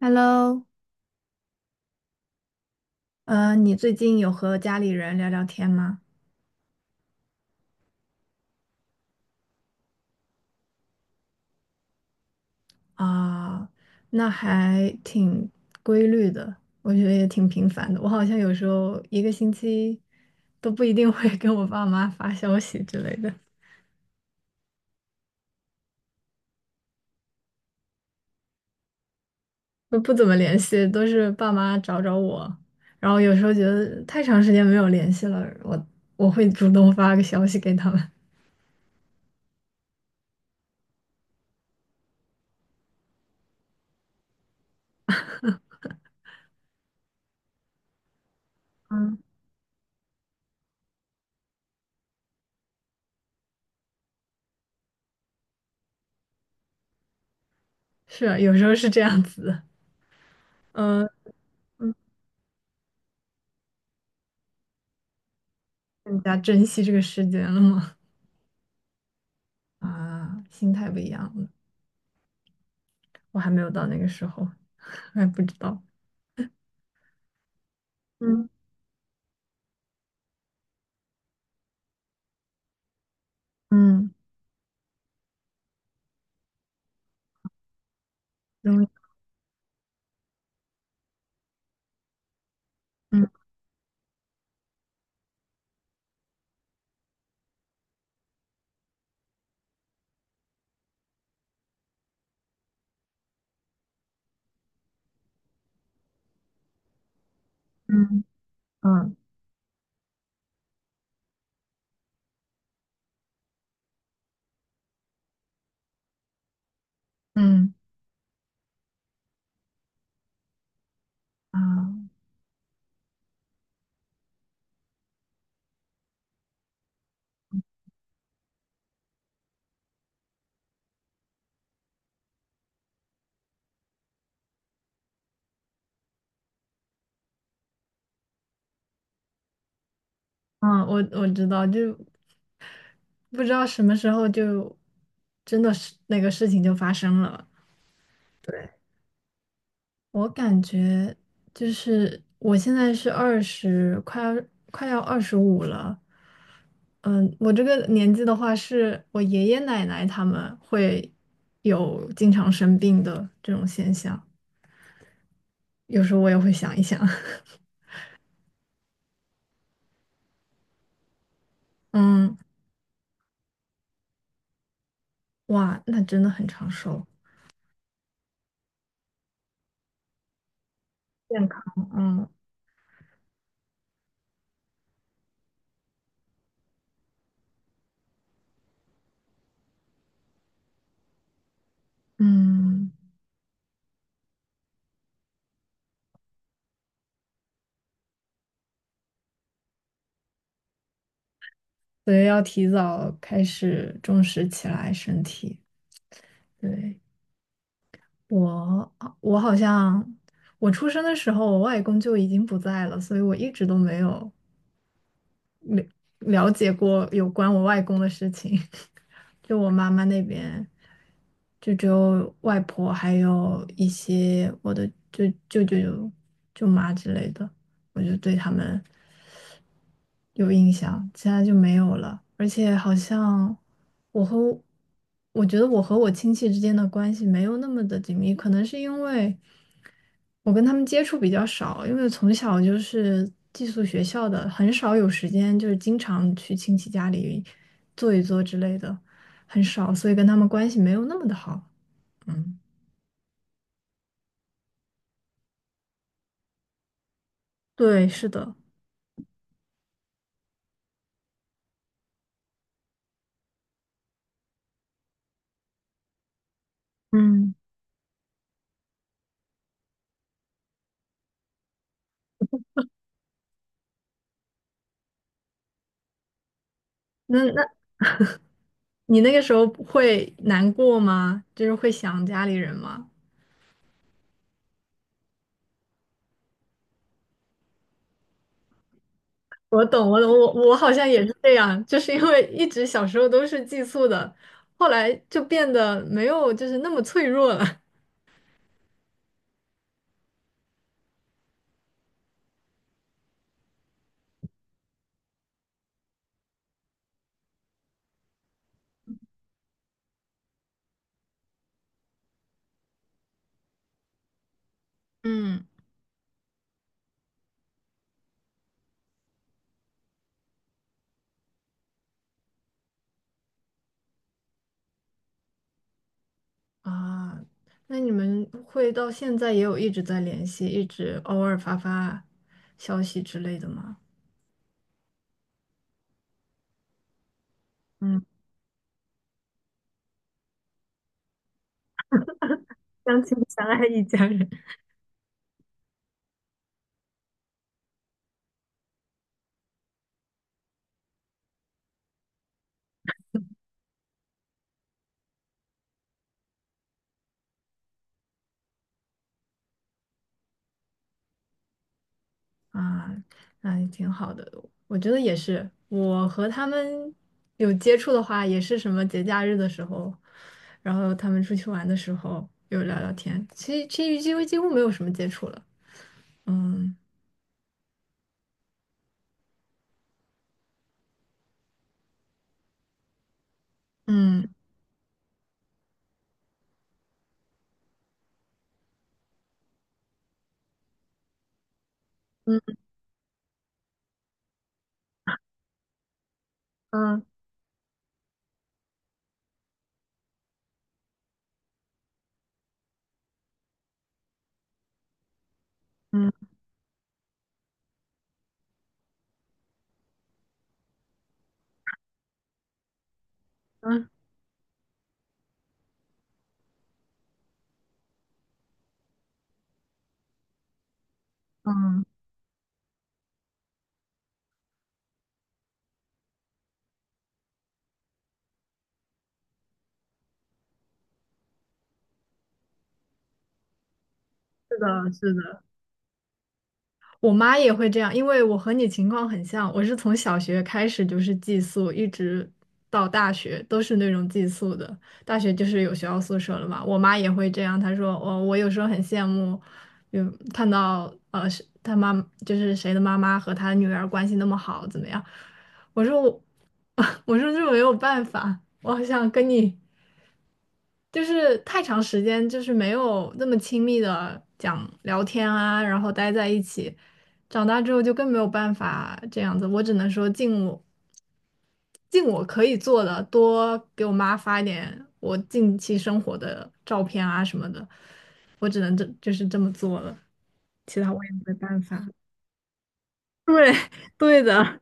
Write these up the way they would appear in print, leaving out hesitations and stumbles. Hello，你最近有和家里人聊聊天吗？啊，那还挺规律的，我觉得也挺频繁的。我好像有时候一个星期都不一定会跟我爸妈发消息之类的，都不怎么联系，都是爸妈找找我。然后有时候觉得太长时间没有联系了，我会主动发个消息给他们。嗯，是啊，有时候是这样子的。嗯，嗯，更加珍惜这个时间了吗？啊，心态不一样了。我还没有到那个时候，还不知道。嗯嗯，然后，嗯，嗯，嗯，嗯，啊，啊！我知道，就不知道什么时候就真的是那个事情就发生了。对，我感觉就是我现在是二十，快要二十五了。嗯，我这个年纪的话，是我爷爷奶奶他们会有经常生病的这种现象。有时候我也会想一想，嗯，哇，那真的很长寿，健康，嗯嗯，所以要提早开始重视起来身体。对，我，我好像我出生的时候，我外公就已经不在了，所以我一直都没有了解过有关我外公的事情，就我妈妈那边，就只有外婆，还有一些我的舅舅、舅妈之类的，我就对他们有印象，其他就没有了。而且好像我和我觉得我和我亲戚之间的关系没有那么的紧密，可能是因为。我跟他们接触比较少，因为从小就是寄宿学校的，很少有时间，就是经常去亲戚家里坐一坐之类的，很少，所以跟他们关系没有那么的好。嗯，对，是的。嗯。那你那个时候会难过吗？就是会想家里人吗？我懂，我懂，我好像也是这样，就是因为一直小时候都是寄宿的，后来就变得没有就是那么脆弱了。嗯，啊，那你们会到现在也有一直在联系，一直偶尔发发消息之类的吗？嗯，相亲相爱一家人。啊，那也挺好的。我觉得也是，我和他们有接触的话，也是什么节假日的时候，然后他们出去玩的时候有聊聊天。其实几乎没有什么接触了。嗯嗯嗯嗯嗯嗯嗯，是的，是的。我妈也会这样，因为我和你情况很像，我是从小学开始就是寄宿，一直到大学都是那种寄宿的。大学就是有学校宿舍了嘛，我妈也会这样，她说我有时候很羡慕，有看到呃是她妈就是谁的妈妈和她女儿关系那么好，怎么样？我说我 我说这没有办法，我好想跟你。就是太长时间，就是没有那么亲密的讲聊天啊，然后待在一起。长大之后就更没有办法这样子，我只能说尽我可以做的，多给我妈发一点我近期生活的照片啊什么的，我只能就是这么做了，其他我也没办法。对，对的，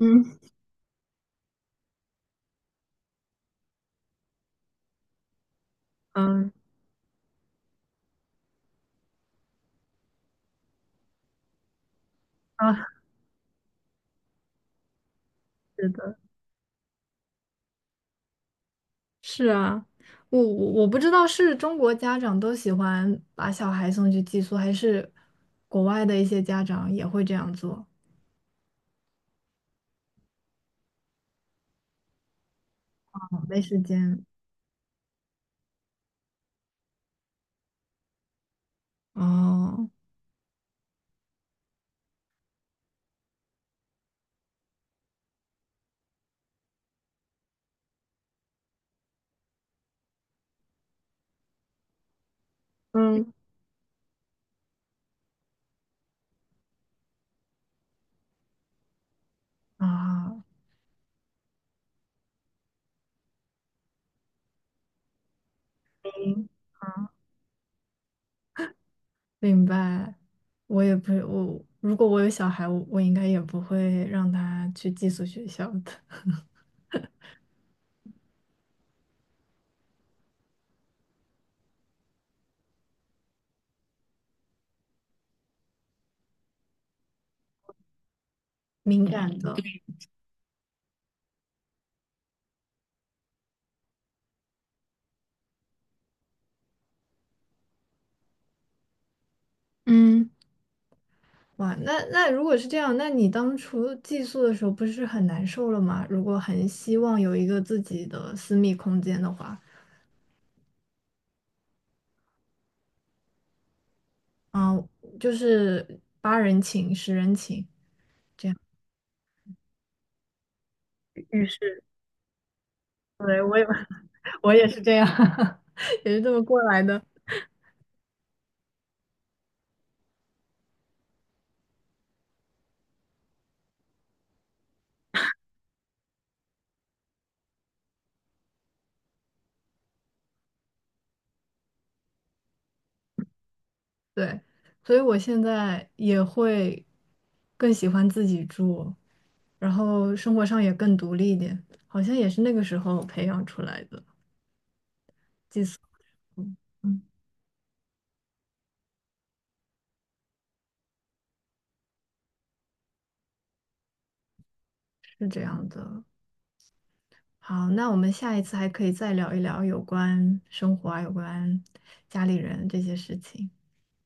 嗯嗯啊，是的。是啊，我不知道是中国家长都喜欢把小孩送去寄宿，还是国外的一些家长也会这样做。哦，没时间。哦，嗯啊，嗯，明白。我也不，我如果我有小孩，我应该也不会让他去寄宿学校的，敏感的。嗯。哇，那如果是这样，那你当初寄宿的时候不是很难受了吗？如果很希望有一个自己的私密空间的话，嗯，就是八人寝、十人寝这样。浴室，我也是这样，也是这么过来的。对，所以我现在也会更喜欢自己住，然后生活上也更独立一点，好像也是那个时候培养出来的寄宿。嗯，嗯，是这样的。好，那我们下一次还可以再聊一聊有关生活啊，有关家里人这些事情。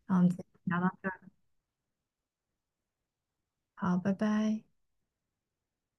那我们今天聊到这儿，好，拜拜。